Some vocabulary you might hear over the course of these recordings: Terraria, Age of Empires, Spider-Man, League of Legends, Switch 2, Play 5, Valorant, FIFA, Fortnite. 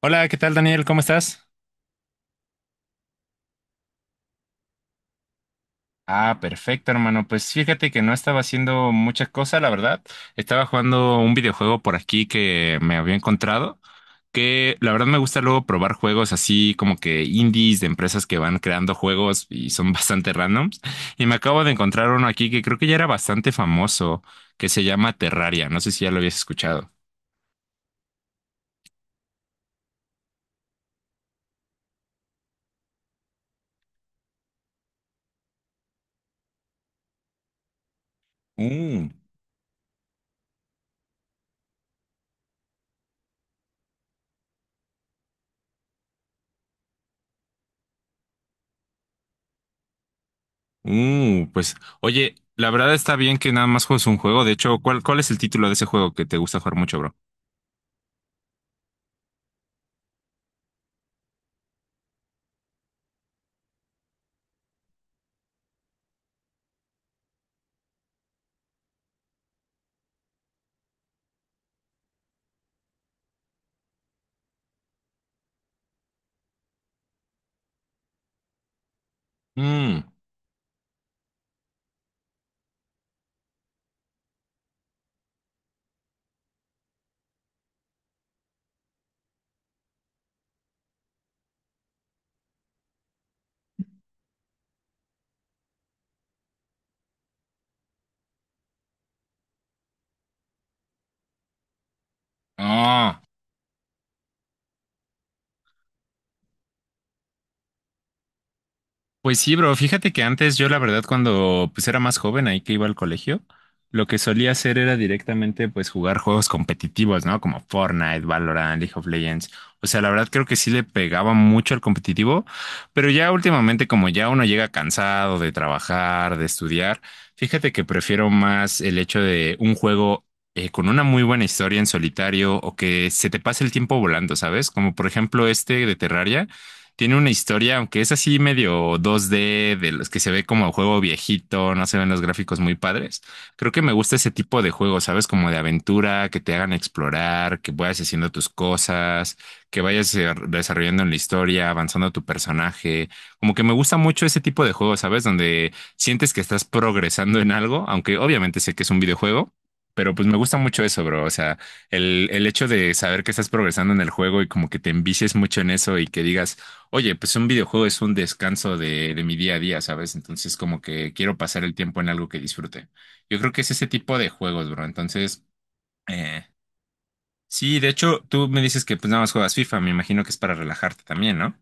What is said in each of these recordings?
Hola, ¿qué tal, Daniel? ¿Cómo estás? Ah, perfecto, hermano. Pues fíjate que no estaba haciendo muchas cosas, la verdad. Estaba jugando un videojuego por aquí que me había encontrado, que la verdad me gusta luego probar juegos así como que indies de empresas que van creando juegos y son bastante randoms. Y me acabo de encontrar uno aquí que creo que ya era bastante famoso, que se llama Terraria. No sé si ya lo habías escuchado. Mm. Pues, oye, la verdad está bien que nada más juegues un juego. De hecho, ¿cuál es el título de ese juego que te gusta jugar mucho, bro? Mm. Ah. Pues sí, bro, fíjate que antes yo la verdad cuando pues era más joven ahí que iba al colegio, lo que solía hacer era directamente pues jugar juegos competitivos, ¿no? Como Fortnite, Valorant, League of Legends. O sea, la verdad creo que sí le pegaba mucho al competitivo, pero ya últimamente como ya uno llega cansado de trabajar, de estudiar, fíjate que prefiero más el hecho de un juego con una muy buena historia en solitario o que se te pase el tiempo volando, ¿sabes? Como por ejemplo este de Terraria tiene una historia, aunque es así medio 2D, de los que se ve como juego viejito, no se ven los gráficos muy padres. Creo que me gusta ese tipo de juegos, ¿sabes? Como de aventura, que te hagan explorar, que vayas haciendo tus cosas, que vayas desarrollando en la historia, avanzando tu personaje. Como que me gusta mucho ese tipo de juegos, ¿sabes? Donde sientes que estás progresando en algo, aunque obviamente sé que es un videojuego. Pero pues me gusta mucho eso, bro. O sea, el hecho de saber que estás progresando en el juego y como que te envicies mucho en eso y que digas, oye, pues un videojuego es un descanso de mi día a día, ¿sabes? Entonces como que quiero pasar el tiempo en algo que disfrute. Yo creo que es ese tipo de juegos, bro. Entonces, eh, sí, de hecho, tú me dices que pues nada más juegas FIFA, me imagino que es para relajarte también, ¿no?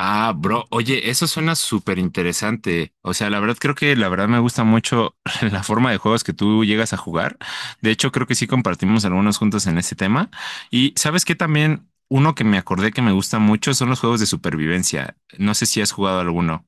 Ah, bro, oye, eso suena súper interesante. O sea, la verdad creo que la verdad me gusta mucho la forma de juegos que tú llegas a jugar. De hecho, creo que sí compartimos algunos juntos en este tema. Y sabes que también uno que me acordé que me gusta mucho son los juegos de supervivencia. No sé si has jugado alguno.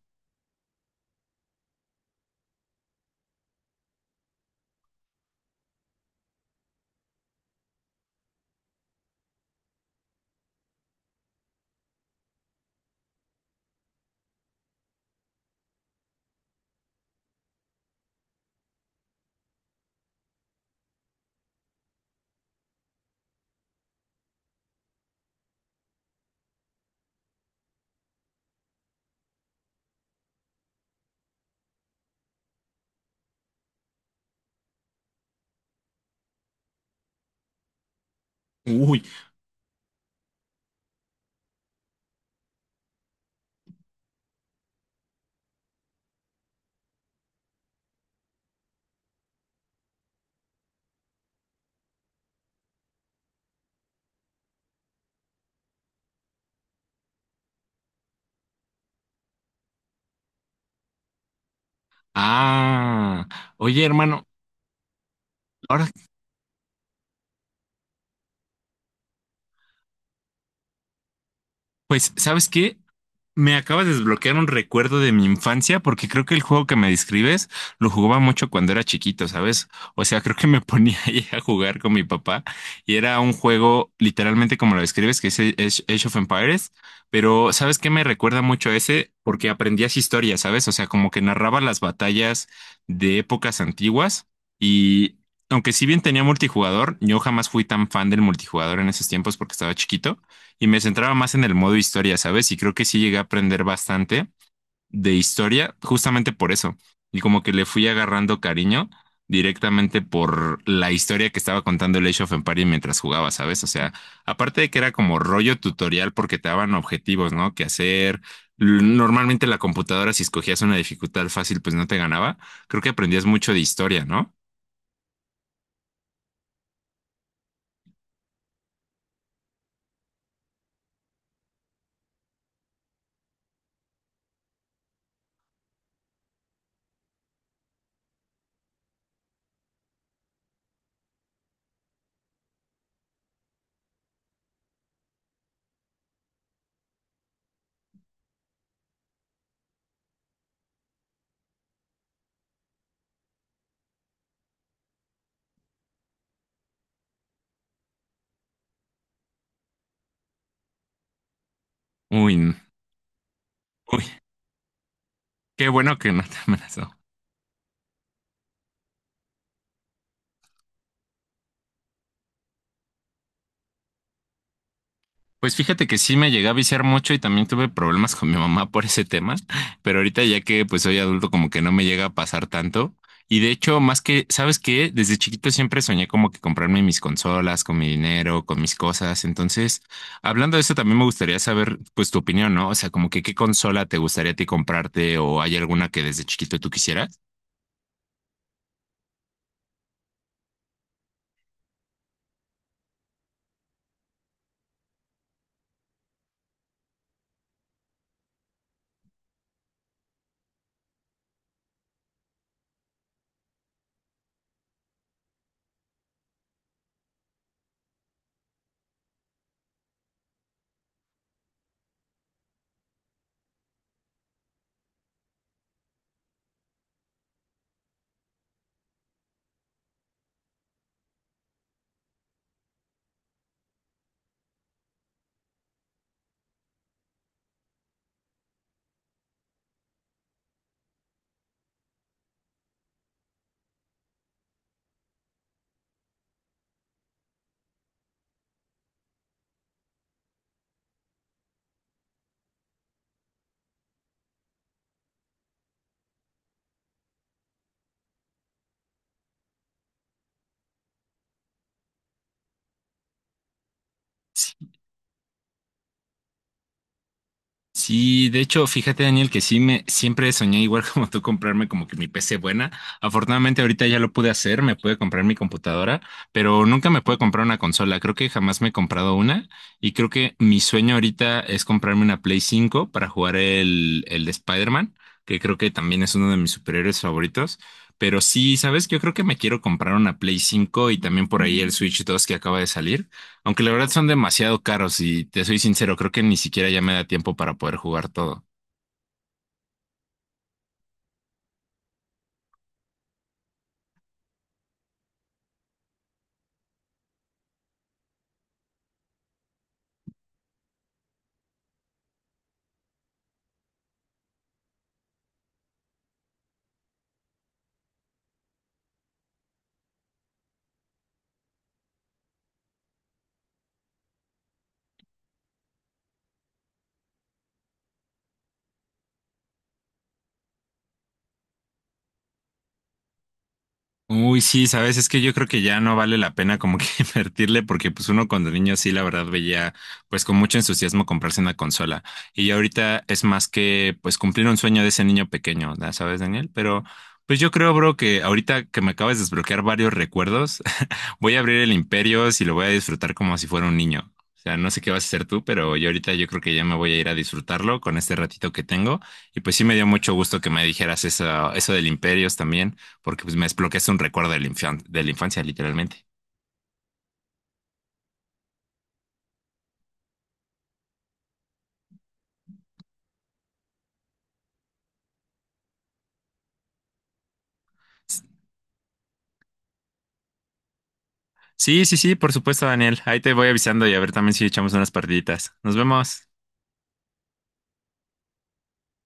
Uy, ah, oye, hermano, ahora, pues, ¿sabes qué? Me acabas de desbloquear un recuerdo de mi infancia porque creo que el juego que me describes lo jugaba mucho cuando era chiquito, ¿sabes? O sea, creo que me ponía ahí a jugar con mi papá y era un juego literalmente como lo describes, que es Age of Empires, pero ¿sabes qué me recuerda mucho a ese? Porque aprendías historia, ¿sabes? O sea, como que narraba las batallas de épocas antiguas y aunque si bien tenía multijugador, yo jamás fui tan fan del multijugador en esos tiempos porque estaba chiquito y me centraba más en el modo historia, ¿sabes? Y creo que sí llegué a aprender bastante de historia justamente por eso. Y como que le fui agarrando cariño directamente por la historia que estaba contando el Age of Empires mientras jugaba, ¿sabes? O sea, aparte de que era como rollo tutorial porque te daban objetivos, ¿no? Que hacer. Normalmente la computadora, si escogías una dificultad fácil, pues no te ganaba. Creo que aprendías mucho de historia, ¿no? Uy, n- uy, qué bueno que no te amenazó. Pues fíjate que sí me llegué a viciar mucho y también tuve problemas con mi mamá por ese tema, pero ahorita ya que pues soy adulto como que no me llega a pasar tanto. Y de hecho, más que, ¿sabes qué? Desde chiquito siempre soñé como que comprarme mis consolas, con mi dinero, con mis cosas. Entonces, hablando de eso, también me gustaría saber pues tu opinión, ¿no? O sea, como que qué consola te gustaría a ti comprarte o hay alguna que desde chiquito tú quisieras. Sí, de hecho, fíjate, Daniel, que sí me siempre soñé igual como tú comprarme como que mi PC buena. Afortunadamente ahorita ya lo pude hacer, me pude comprar mi computadora, pero nunca me pude comprar una consola. Creo que jamás me he comprado una y creo que mi sueño ahorita es comprarme una Play 5 para jugar el de Spider-Man, que creo que también es uno de mis superhéroes favoritos. Pero sí, ¿sabes? Yo creo que me quiero comprar una Play 5 y también por ahí el Switch 2 que acaba de salir. Aunque la verdad son demasiado caros y te soy sincero, creo que ni siquiera ya me da tiempo para poder jugar todo. Uy, sí, sabes, es que yo creo que ya no vale la pena como que invertirle porque pues uno cuando niño sí, la verdad veía pues con mucho entusiasmo comprarse una consola y ya ahorita es más que pues cumplir un sueño de ese niño pequeño, ¿sabes, Daniel? Pero pues yo creo, bro, que ahorita que me acabas de desbloquear varios recuerdos, voy a abrir el Imperios y lo voy a disfrutar como si fuera un niño. O sea, no sé qué vas a hacer tú, pero yo ahorita yo creo que ya me voy a ir a disfrutarlo con este ratito que tengo y pues sí me dio mucho gusto que me dijeras eso, eso del Imperios también porque pues me desbloqueaste un recuerdo de de la infancia, literalmente. Sí, sí, sí, por supuesto, Daniel. Ahí te voy avisando y a ver también si echamos unas partiditas. Nos vemos.